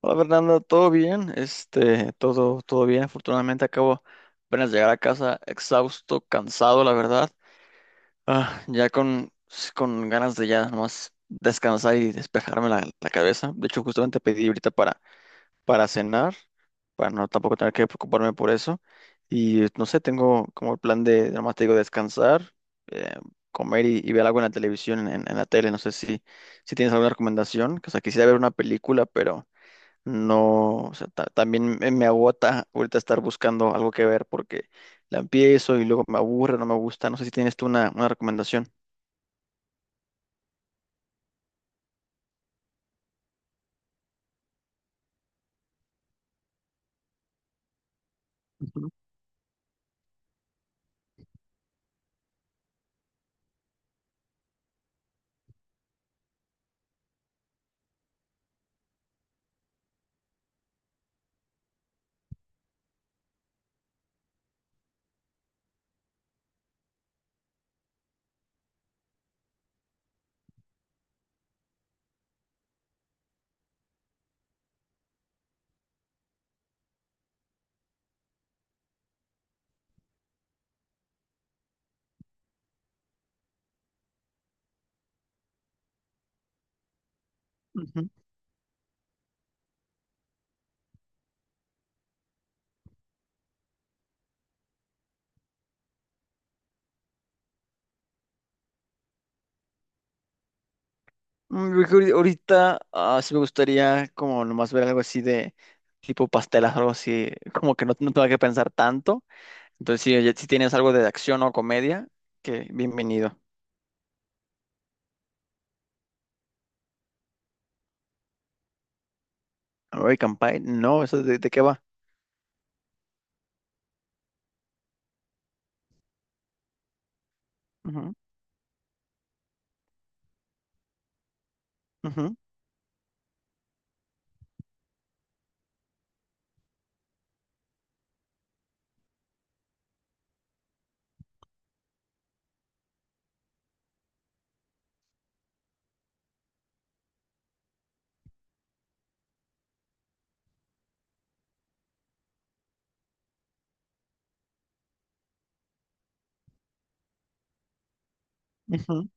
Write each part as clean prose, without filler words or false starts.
Hola Fernando, ¿todo bien? Todo bien. Afortunadamente acabo apenas de llegar a casa exhausto, cansado, la verdad. Ah, ya con, con ganas de ya nomás descansar y despejarme la cabeza. De hecho, justamente pedí ahorita para cenar, para no tampoco tener que preocuparme por eso. Y no sé, tengo como el plan de, nomás te digo, descansar, eh, comer y ver algo en la televisión, en la tele. No sé si tienes alguna recomendación. O sea, quisiera ver una película, pero... No, o sea, también me agota ahorita estar buscando algo que ver porque la empiezo y luego me aburre, no me gusta. No sé si tienes tú una recomendación. Ujú, ujú. Yo creo que ahorita sí me gustaría como nomás ver algo así de tipo pastelas, algo así, como que no tenga que pensar tanto. Entonces, oye, si tienes algo de acción o comedia, que bienvenido. American Pie, no, ¿eso de qué va? Ujú, ujú, ujú.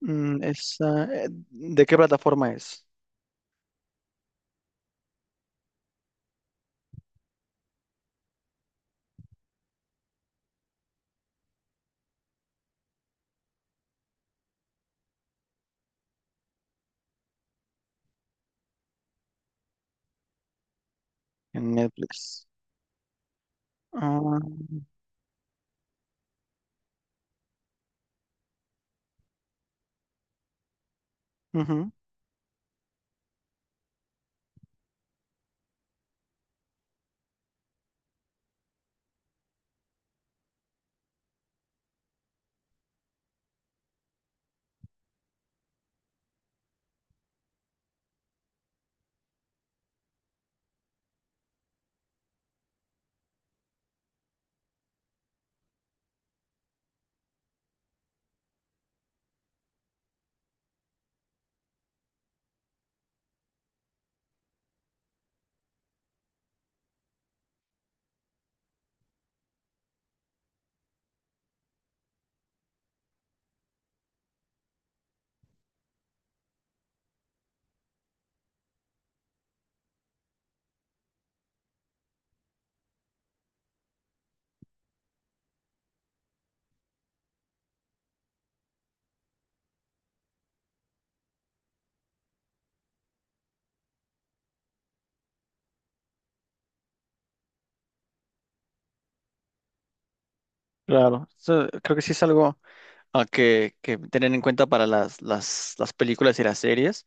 Esa, ¿de qué plataforma es? En Netflix. Ah, ujú, claro, so, creo que sí es algo que tener en cuenta para las películas y las series.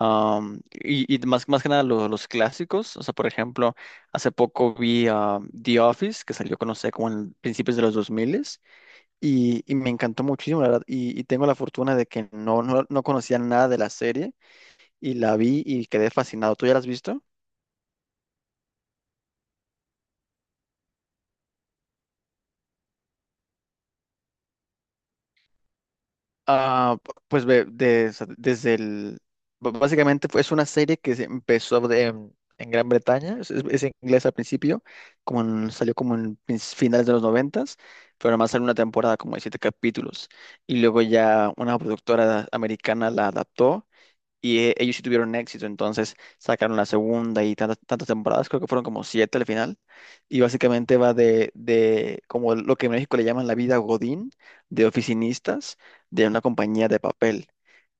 Y más que nada los clásicos. O sea, por ejemplo, hace poco vi The Office, que salió, no sé, como en principios de los 2000 y me encantó muchísimo, la verdad. Y tengo la fortuna de que no conocía nada de la serie y la vi y quedé fascinado. ¿Tú ya la has visto? Ah, pues desde el... Básicamente es una serie que se empezó en Gran Bretaña, es en inglés al principio, como salió como en finales de los noventas, pero además salió una temporada como de siete capítulos. Y luego ya una productora americana la adaptó y ellos sí tuvieron éxito, entonces sacaron la segunda y tantas temporadas, creo que fueron como siete al final. Y básicamente va de como lo que en México le llaman la vida Godín, de oficinistas de una compañía de papel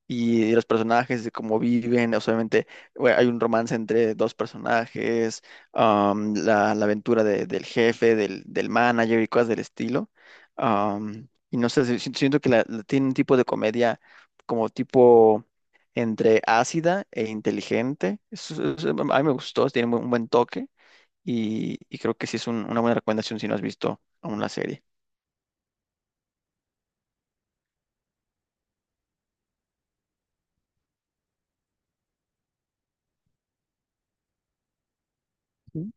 y de los personajes, de cómo viven, o sea, obviamente bueno, hay un romance entre dos personajes, la aventura del jefe, del manager y cosas del estilo. Y no sé, siento que tiene un tipo de comedia como tipo entre ácida e inteligente. Es- a mí me gustó, tiene un buen toque y creo que sí es una buena recomendación si no has visto aún la serie. Sí.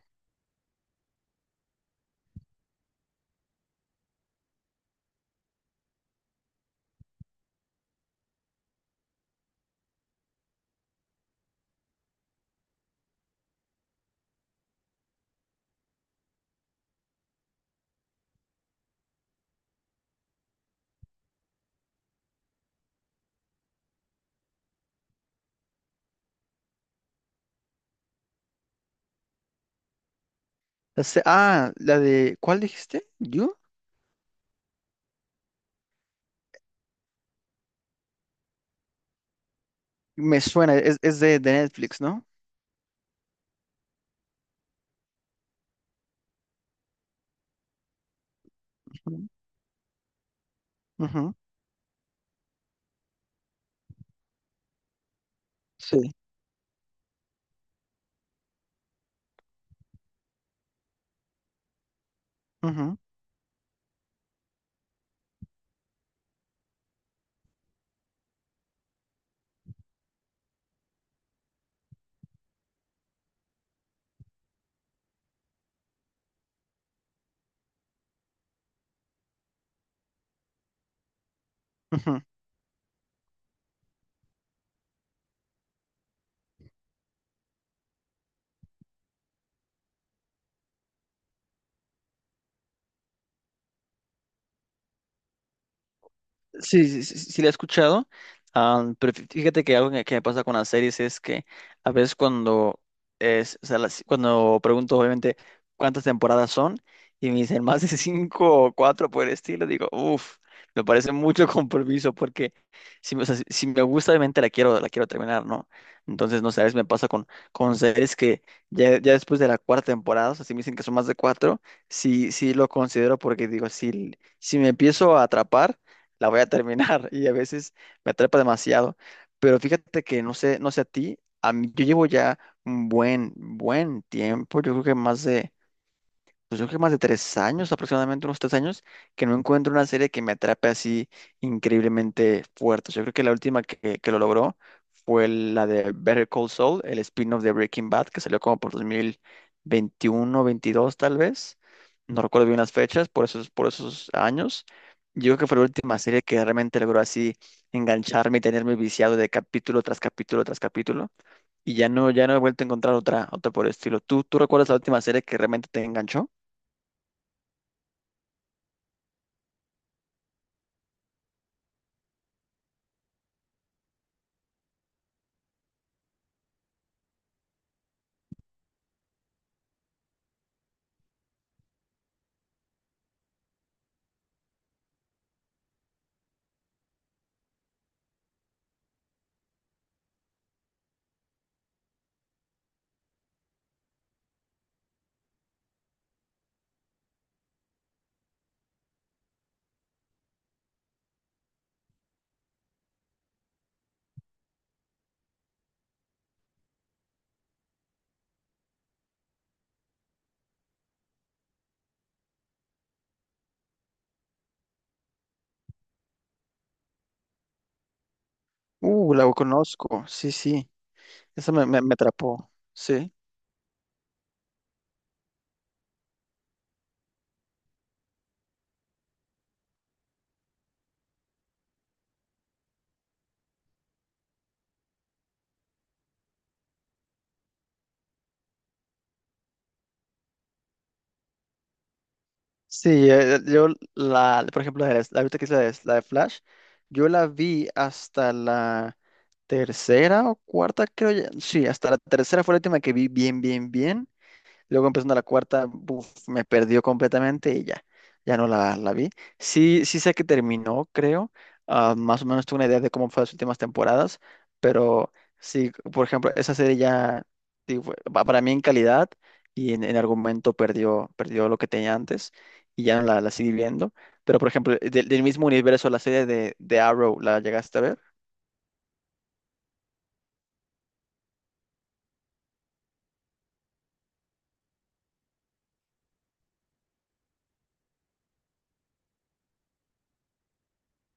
La se- ah, la de, ¿Cuál dijiste? ¿You? Me suena, es de Netflix, ¿no? Ujú, ujú, sí. Ujú, ujú. Sí, sí, sí, sí sí la he escuchado, pero fíjate que algo que me pasa con las series es que a veces cuando es, o sea, cuando pregunto obviamente cuántas temporadas son y me dicen más de cinco o cuatro por el estilo, digo, uff, me parece mucho compromiso porque o sea, si me gusta obviamente la quiero terminar, ¿no? Entonces, no sé, a veces me pasa con, series que ya, ya después de la cuarta temporada, o sea, si me dicen que son más de cuatro, sí, sí lo considero porque digo, si me empiezo a atrapar la voy a terminar y a veces me atrapa demasiado. Pero fíjate que no sé, no sé a ti, a mí, yo llevo ya un buen, buen tiempo, yo creo que más de pues yo creo que más de 3 años, aproximadamente unos 3 años, que no encuentro una serie que me atrape así increíblemente fuerte. Yo creo que la última que lo logró fue la de Better Call Saul, el spin-off de Breaking Bad, que salió como por 2021, 22 tal vez. No recuerdo bien las fechas, por esos años. Yo creo que fue la última serie que realmente logró así engancharme y tenerme viciado de capítulo tras capítulo tras capítulo. Y ya no, ya no he vuelto a encontrar otra por el estilo. Tú recuerdas la última serie que realmente te enganchó? La conozco, sí, sí, esa me atrapó, sí. Sí, yo la, por ejemplo, la, la ahorita que es la de Flash, yo la vi hasta la tercera o cuarta, creo ya, sí, hasta la tercera fue la última que vi bien, bien, bien. Luego empezando la cuarta, buf, me perdió completamente y ya, ya no la vi. Sí, sí sé que terminó, creo. Más o menos tuve una idea de cómo fue las últimas temporadas, pero sí, por ejemplo, esa serie ya, sí, para mí en calidad y en argumento perdió lo que tenía antes y ya no la seguí viendo. Pero, por ejemplo, del mismo universo, la serie de Arrow, ¿la llegaste a ver?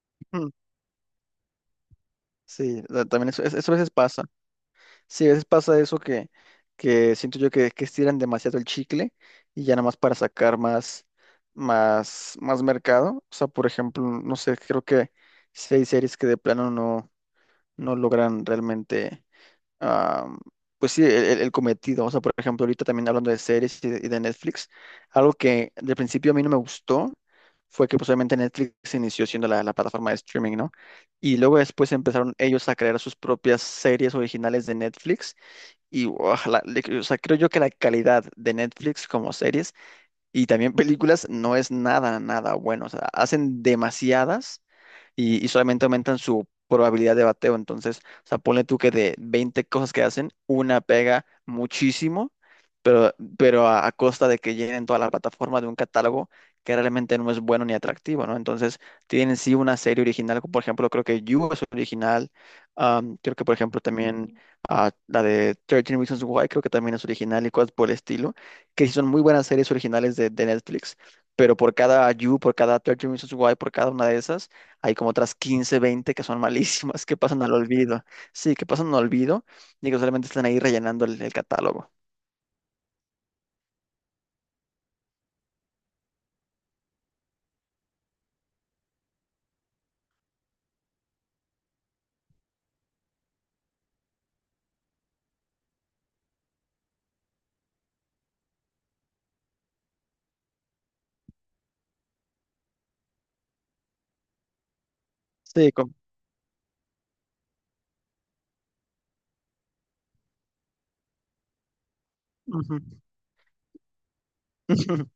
Mm, sí, también eso a veces pasa. Sí, a veces pasa eso que siento yo que estiran demasiado el chicle y ya nada más para sacar más, más, más mercado. O sea, por ejemplo, no sé, creo que sí hay series que de plano no logran realmente, ah, pues sí, el cometido. O sea, por ejemplo, ahorita también hablando de series y de Netflix, algo que de principio a mí no me gustó fue que pues obviamente Netflix inició siendo la plataforma de streaming, ¿no? Y luego después empezaron ellos a crear sus propias series originales de Netflix y ojalá, o sea, creo yo que la calidad de Netflix como series y también películas no es nada, nada bueno. O sea, hacen demasiadas y solamente aumentan su probabilidad de bateo. Entonces, o sea, ponle tú que de 20 cosas que hacen, una pega muchísimo, pero a costa de que llenen toda la plataforma de un catálogo que realmente no es bueno ni atractivo, ¿no? Entonces, tienen sí una serie original, como por ejemplo, creo que You es original, creo que por ejemplo también la de 13 Reasons Why, creo que también es original y cosas por el estilo, que sí son muy buenas series originales de Netflix pero por cada You, por cada 13 Reasons Why, por cada una de esas, hay como otras 15, 20 que son malísimas, que pasan al olvido. Sí, que pasan al olvido y que solamente están ahí rellenando el catálogo. Sí, con... Ujú, ujú.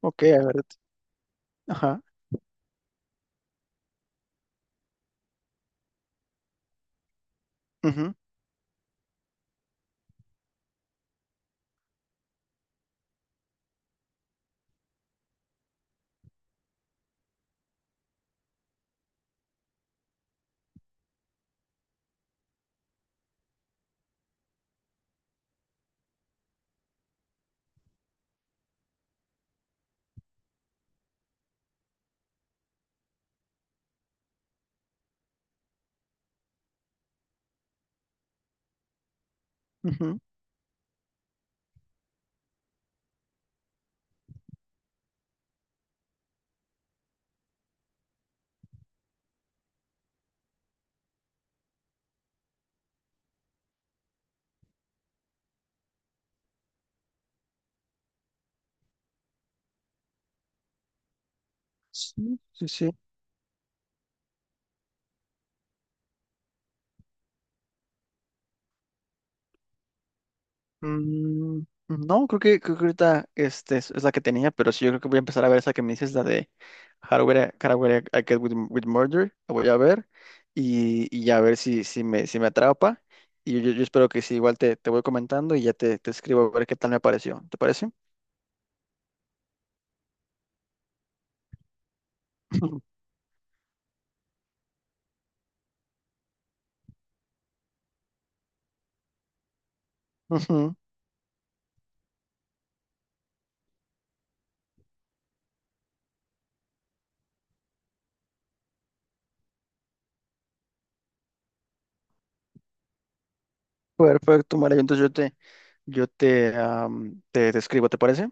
Ok, a ver. Ajá. Ujú, ujú. Sí, sí, sí. Mm, no, creo que ahorita es la que tenía, pero sí, yo creo que voy a empezar a ver esa que me dices, la de Hardware I Get with Murder, la voy a ver y ya a ver si me atrapa. Y yo espero que sí, igual te voy comentando y ya te escribo a ver qué tal me pareció. ¿Te parece? Ujú. Ujú. Perfecto, María. Entonces yo te, am, te escribo, ¿te parece?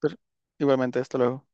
Pero igualmente, hasta luego.